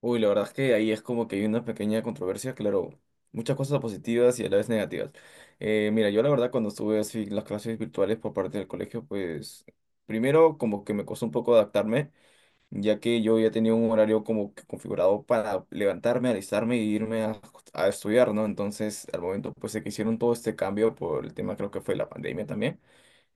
Uy, la verdad es que ahí es como que hay una pequeña controversia, claro, muchas cosas positivas y a la vez negativas. Mira, yo la verdad cuando estuve así en las clases virtuales por parte del colegio, pues primero como que me costó un poco adaptarme, ya que yo ya tenía un horario como que configurado para levantarme, alistarme y irme a estudiar, ¿no? Entonces, al momento pues de que hicieron todo este cambio por el tema creo que fue la pandemia también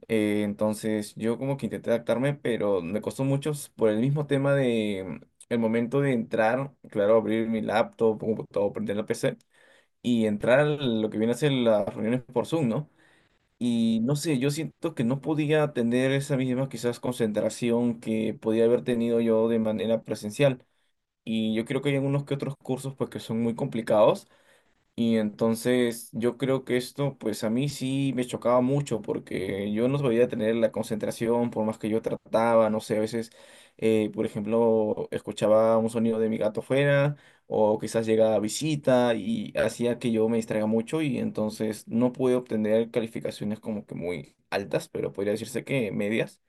entonces yo como que intenté adaptarme, pero me costó mucho por el mismo tema de el momento de entrar, claro, abrir mi laptop, computador, prender la PC y entrar a lo que viene a ser las reuniones por Zoom, ¿no? Y no sé, yo siento que no podía tener esa misma quizás concentración que podía haber tenido yo de manera presencial. Y yo creo que hay algunos que otros cursos pues que son muy complicados y entonces yo creo que esto, pues a mí sí me chocaba mucho porque yo no podía tener la concentración por más que yo trataba, no sé, a veces, por ejemplo, escuchaba un sonido de mi gato fuera o quizás llegaba a visita y hacía que yo me distraiga mucho y entonces no pude obtener calificaciones como que muy altas, pero podría decirse que medias.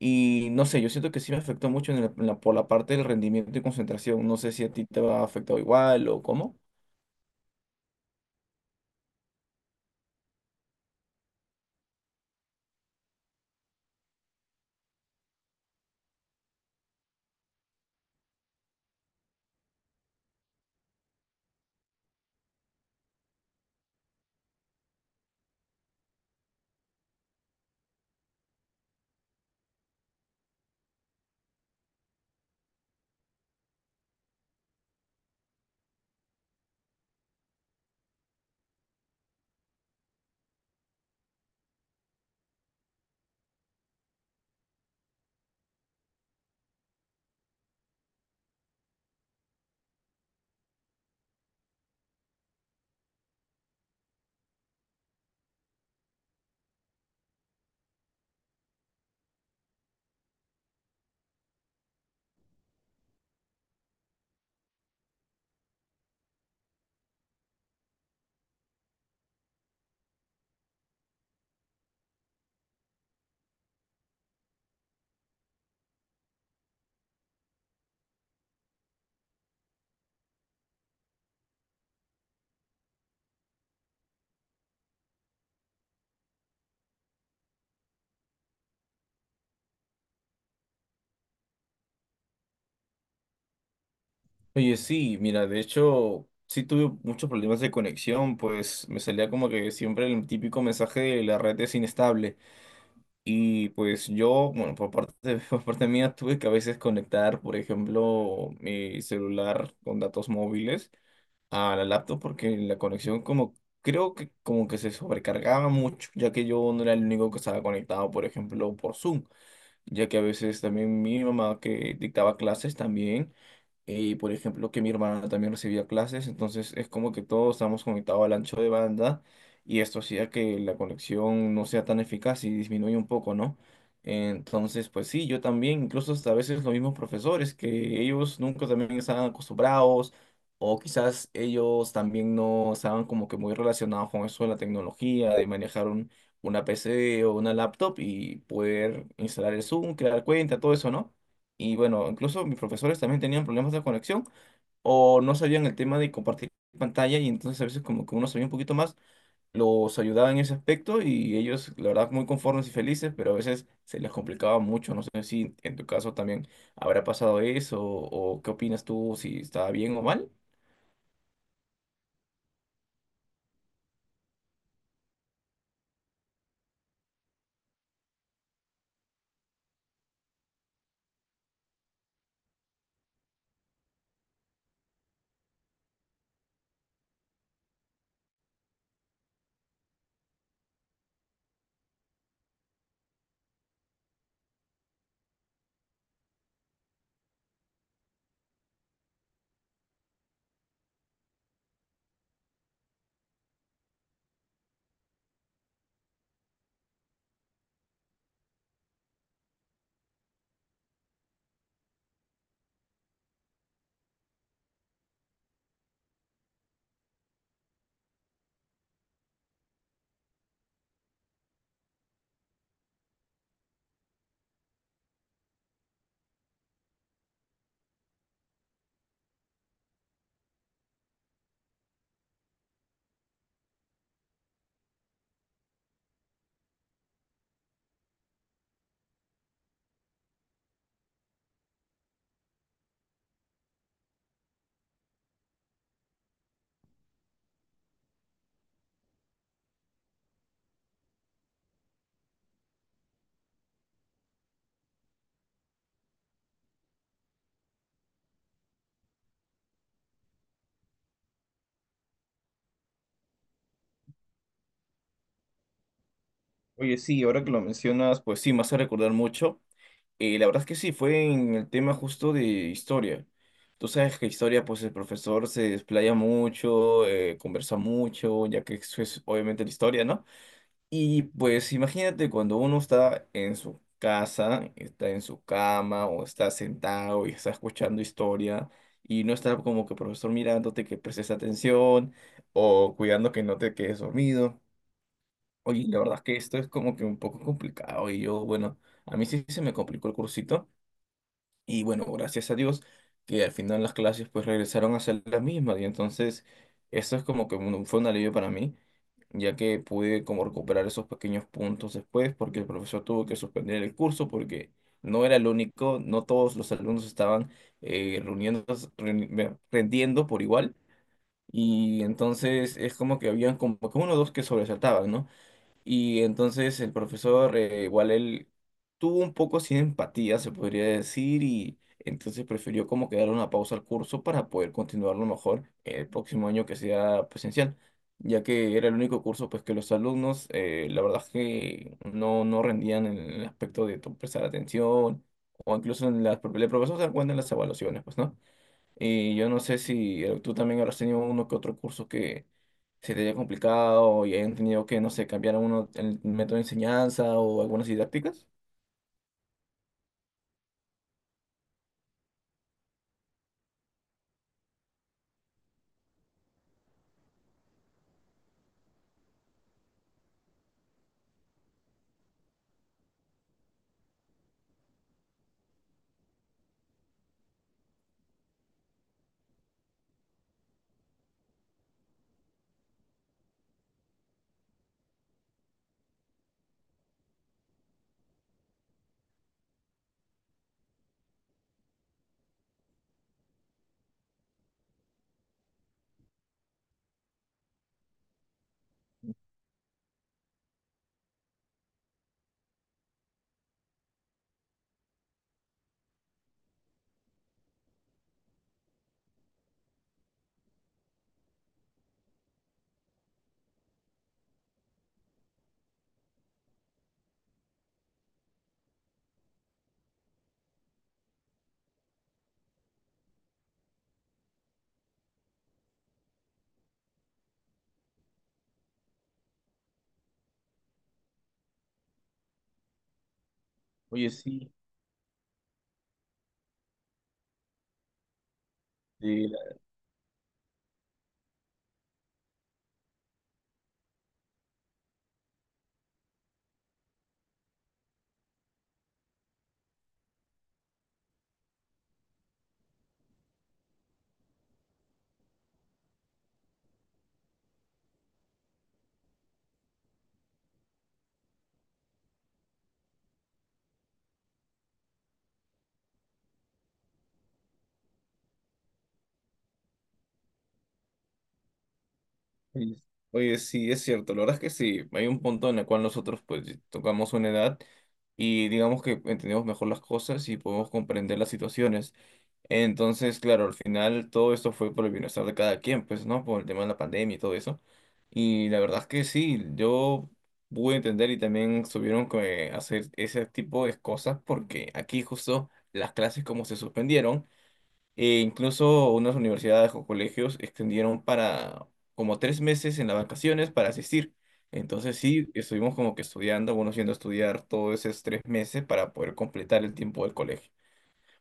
Y no sé, yo siento que sí me afectó mucho por la parte del rendimiento y concentración. No sé si a ti te ha afectado igual o cómo. Oye, sí, mira, de hecho, sí tuve muchos problemas de conexión, pues me salía como que siempre el típico mensaje de la red es inestable. Y pues yo, bueno, por parte, por parte mía, tuve que a veces conectar, por ejemplo, mi celular con datos móviles a la laptop porque la conexión como, creo que como que se sobrecargaba mucho, ya que yo no era el único que estaba conectado, por ejemplo, por Zoom ya que a veces también mi mamá que dictaba clases también, y por ejemplo que mi hermana también recibía clases, entonces es como que todos estamos conectados al ancho de banda y esto hacía que la conexión no sea tan eficaz y disminuye un poco, ¿no? Entonces, pues sí, yo también, incluso hasta a veces los mismos profesores, que ellos nunca también estaban acostumbrados. O quizás ellos también no estaban como que muy relacionados con eso de la tecnología, de manejar una PC o una laptop y poder instalar el Zoom, crear cuenta, todo eso, ¿no? Y bueno, incluso mis profesores también tenían problemas de conexión o no sabían el tema de compartir pantalla y entonces a veces como que uno sabía un poquito más, los ayudaba en ese aspecto y ellos, la verdad, muy conformes y felices, pero a veces se les complicaba mucho. No sé si en tu caso también habrá pasado eso o qué opinas tú, si estaba bien o mal. Oye, sí, ahora que lo mencionas, pues sí, me hace recordar mucho. La verdad es que sí, fue en el tema justo de historia. Tú sabes que historia, pues el profesor se desplaya mucho, conversa mucho, ya que eso es obviamente la historia, ¿no? Y pues imagínate cuando uno está en su casa, está en su cama o está sentado y está escuchando historia y no está como que profesor mirándote que prestes atención o cuidando que no te quedes dormido. Oye, la verdad es que esto es como que un poco complicado y yo, bueno, a mí sí se me complicó el cursito. Y bueno, gracias a Dios que al final las clases pues regresaron a ser las mismas y entonces eso es como que fue un alivio para mí, ya que pude como recuperar esos pequeños puntos después porque el profesor tuvo que suspender el curso porque no era el único, no todos los alumnos estaban rendiendo por igual y entonces es como que habían como que uno o dos que sobresaltaban, ¿no? Y entonces el profesor, igual él tuvo un poco sin empatía, se podría decir, y entonces prefirió como que darle una pausa al curso para poder continuarlo mejor el próximo año que sea presencial, ya que era el único curso pues que los alumnos, la verdad es que no, no rendían en el aspecto de prestar atención, o incluso en las, el profesor se da cuenta en las evaluaciones, pues, ¿no? Y yo no sé si tú también habrás tenido uno que otro curso que se te haya complicado y hayan tenido que, no sé, cambiar uno el método de enseñanza o algunas didácticas. Oye, sí, sí, es- oye, sí, es cierto. La verdad es que sí, hay un punto en el cual nosotros pues tocamos una edad y digamos que entendemos mejor las cosas y podemos comprender las situaciones. Entonces, claro, al final todo esto fue por el bienestar de cada quien, pues, ¿no? Por el tema de la pandemia y todo eso. Y la verdad es que sí, yo pude entender y también tuvieron que hacer ese tipo de cosas porque aquí justo las clases como se suspendieron, e incluso unas universidades o colegios extendieron para como 3 meses en las vacaciones para asistir. Entonces sí, estuvimos como que estudiando, bueno, yendo a estudiar todos esos 3 meses para poder completar el tiempo del colegio.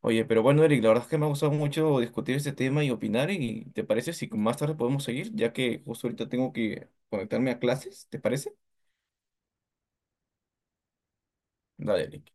Oye, pero bueno, Eric, la verdad es que me ha gustado mucho discutir este tema y opinar. ¿Y te parece si más tarde podemos seguir? Ya que justo ahorita tengo que conectarme a clases, ¿te parece? Dale, Eric.